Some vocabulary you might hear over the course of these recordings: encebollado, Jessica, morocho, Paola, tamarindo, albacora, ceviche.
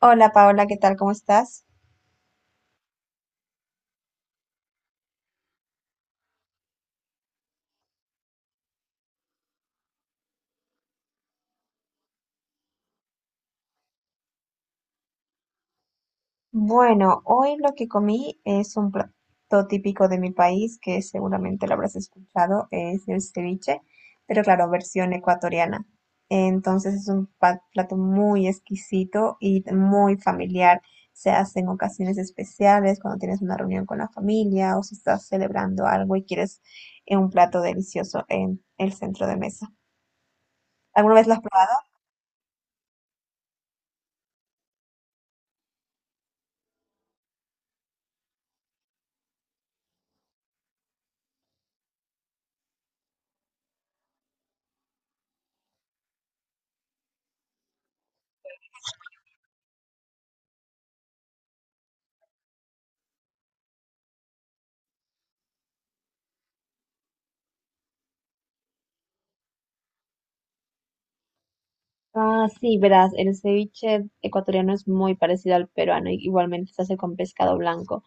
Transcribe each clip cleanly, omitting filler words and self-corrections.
Hola Paola, ¿qué tal? ¿Cómo estás? Bueno, hoy lo que comí es un plato típico de mi país que seguramente lo habrás escuchado, es el ceviche, pero claro, versión ecuatoriana. Entonces es un plato muy exquisito y muy familiar. Se hace en ocasiones especiales, cuando tienes una reunión con la familia o si estás celebrando algo y quieres un plato delicioso en el centro de mesa. ¿Alguna vez lo has Ah, sí, verás, el ceviche ecuatoriano es muy parecido al peruano, y igualmente se hace con pescado blanco.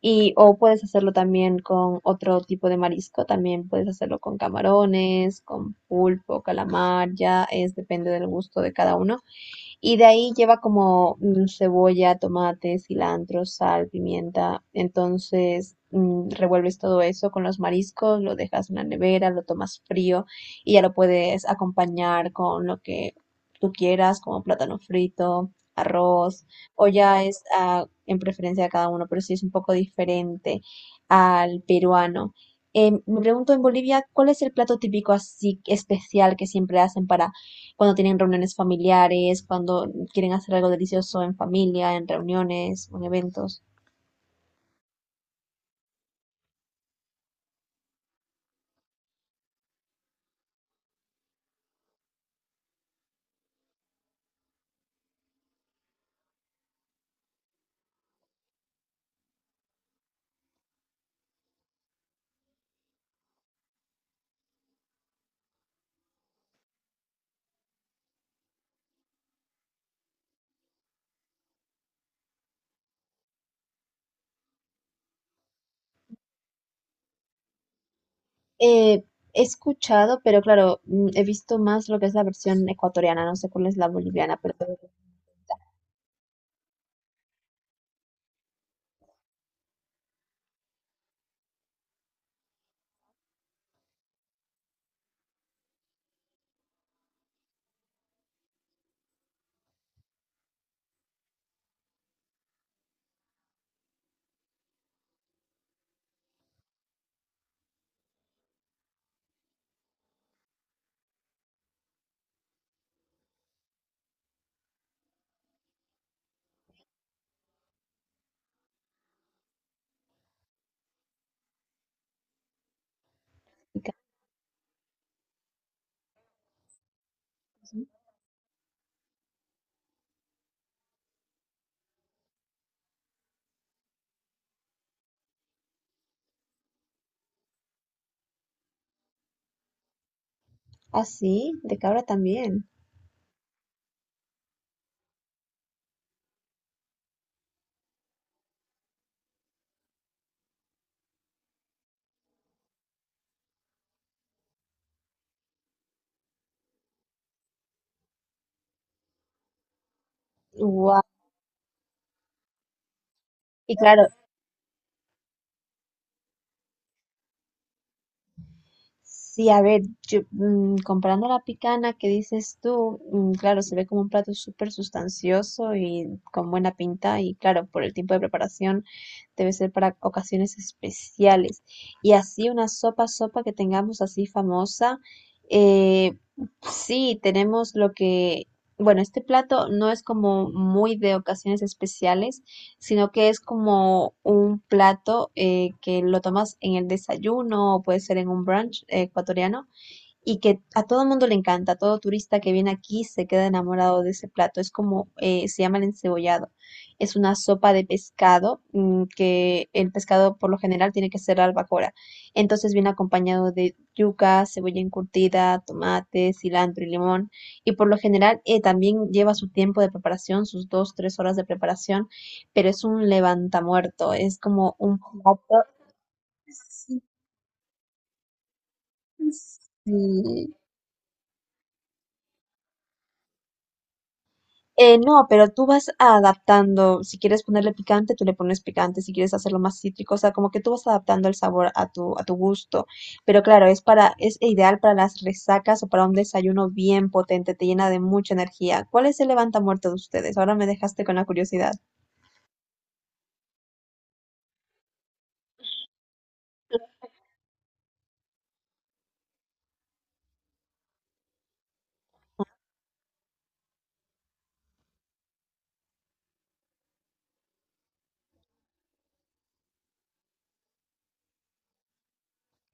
Y o puedes hacerlo también con otro tipo de marisco, también puedes hacerlo con camarones, con pulpo, calamar, ya es depende del gusto de cada uno. Y de ahí lleva como cebolla, tomate, cilantro, sal, pimienta. Entonces revuelves todo eso con los mariscos, lo dejas en la nevera, lo tomas frío y ya lo puedes acompañar con lo que tú quieras, como plátano frito, arroz, o ya es en preferencia de cada uno, pero sí es un poco diferente al peruano. Me pregunto en Bolivia, ¿cuál es el plato típico así especial que siempre hacen para cuando tienen reuniones familiares, cuando quieren hacer algo delicioso en familia, en reuniones, en eventos? Eh, He escuchado, pero claro, mm, he visto más lo que es la versión ecuatoriana, no sé cuál es la boliviana, pero así, de cabra también. Guau. Y claro, sí, a ver, yo, mm, comparando la picana que dices tú, mm, claro, se ve como un plato súper sustancioso y con buena pinta y claro, por el tiempo de preparación debe ser para ocasiones especiales. Y así una sopa, sopa que tengamos así famosa, eh, sí, tenemos lo que, bueno, este plato no es como muy de ocasiones especiales sino que es como un plato que lo tomas en el desayuno o puede ser en un brunch ecuatoriano y que a todo mundo le encanta, todo turista que viene aquí se queda enamorado de ese plato. Es como, se llama el encebollado. Es una sopa de pescado, mm, que el pescado por lo general tiene que ser albacora. Entonces viene acompañado de yuca, cebolla encurtida, tomate, cilantro y limón. Y por lo general también lleva su tiempo de preparación, sus dos, tres horas de preparación, pero es un levantamuerto, es como un plato. Sí, sí. No, pero tú vas adaptando, si quieres ponerle picante, tú le pones picante, si quieres hacerlo más cítrico, o sea, como que tú vas adaptando el sabor a tu gusto. Pero claro, es para, es ideal para las resacas o para un desayuno bien potente, te llena de mucha energía. ¿Cuál es el levanta muerto de ustedes? Ahora me dejaste con la curiosidad.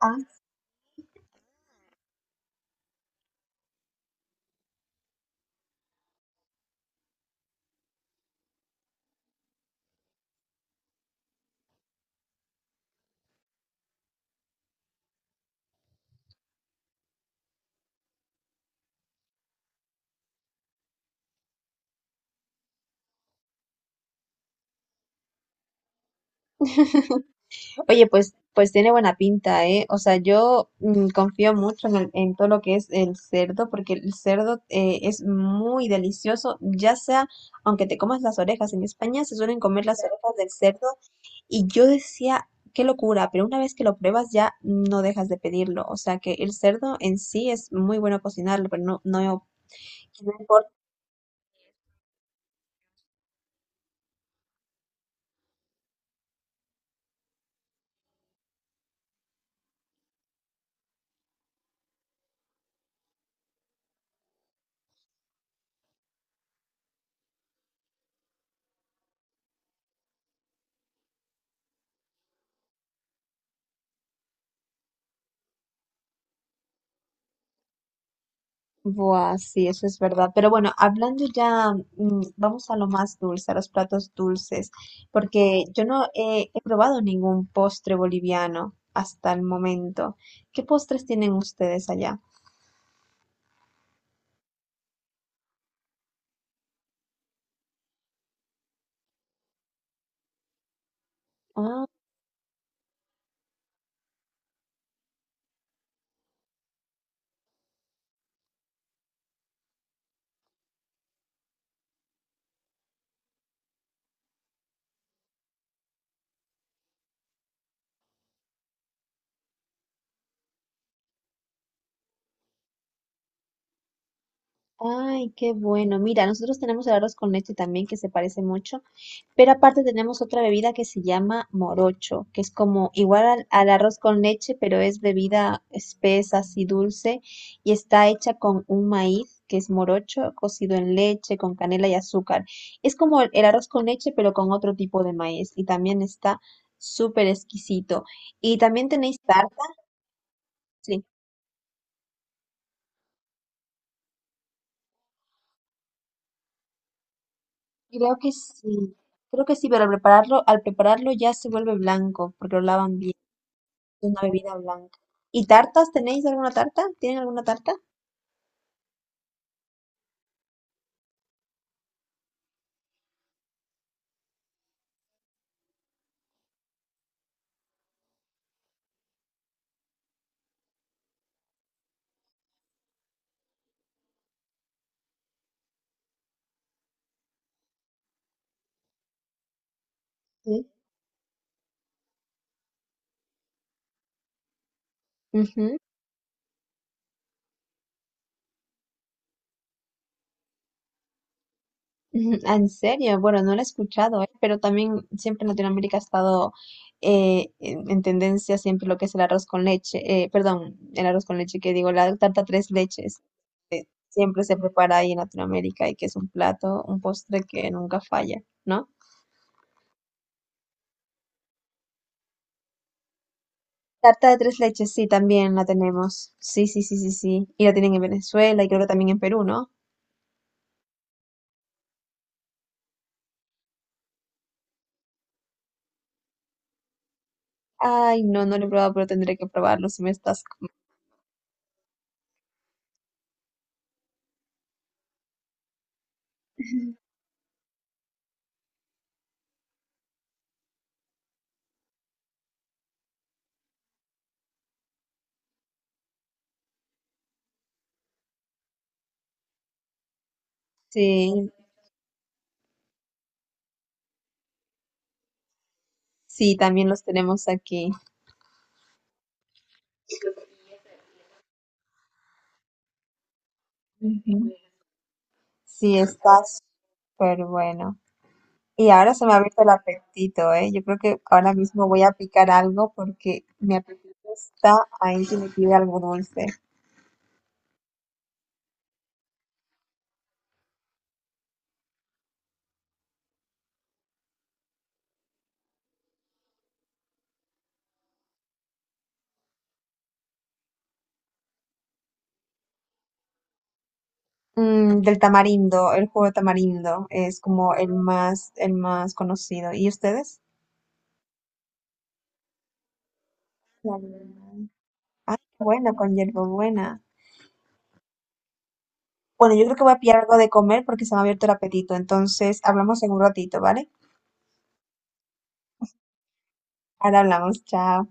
Ah. Oye, pues, pues tiene buena pinta, ¿eh? O sea, yo mm, confío mucho en, en todo lo que es el cerdo, porque el cerdo es muy delicioso, ya sea, aunque te comas las orejas, en España se suelen comer las orejas del cerdo, y yo decía, qué locura, pero una vez que lo pruebas ya no dejas de pedirlo, o sea que el cerdo en sí es muy bueno cocinarlo, pero no, no, no importa. Buah, sí, eso es verdad. Pero bueno, hablando ya, mm, vamos a lo más dulce, a los platos dulces, porque yo no he, he probado ningún postre boliviano hasta el momento. ¿Qué postres tienen ustedes allá? Ah, ay, qué bueno. Mira, nosotros tenemos el arroz con leche también, que se parece mucho. Pero aparte tenemos otra bebida que se llama morocho, que es como igual al, al arroz con leche, pero es bebida espesa, así dulce, y está hecha con un maíz que es morocho, cocido en leche, con canela y azúcar. Es como el arroz con leche, pero con otro tipo de maíz, y también está súper exquisito. Y también tenéis tarta, sí, creo que sí, creo que sí, pero al prepararlo ya se vuelve blanco, porque lo lavan bien. Una bebida blanca. ¿Y tartas? ¿Tenéis alguna tarta? ¿Tienen alguna tarta? Sí. Ujú, ujú. Ah, en serio, bueno, no lo he escuchado, ¿eh? Pero también siempre en Latinoamérica ha estado en tendencia siempre lo que es el arroz con leche, perdón, el arroz con leche que digo, la tarta tres leches, que siempre se prepara ahí en Latinoamérica y que es un plato, un postre que nunca falla, ¿no? Tarta de tres leches, sí, también la tenemos. Sí, sí, sí, sí, sí. Y la tienen en Venezuela y creo que también en Perú, ¿no? Ay, no, no lo he probado, pero tendré que probarlo si me estás... com- Sí, sí, también los tenemos aquí. Ujú. Sí, está súper bueno. Y ahora se me ha abierto el apetito, ¿eh? Yo creo que ahora mismo voy a picar algo porque mi apetito está ahí que me pide algo dulce. Mm, del tamarindo, el jugo de tamarindo es como el más conocido. ¿Y ustedes? La limonada. Ay, qué bueno, con hierbabuena. Bueno, yo creo que voy a pillar algo de comer porque se me ha abierto el apetito. Entonces, hablamos en un ratito, ¿vale? Ahora hablamos, chao.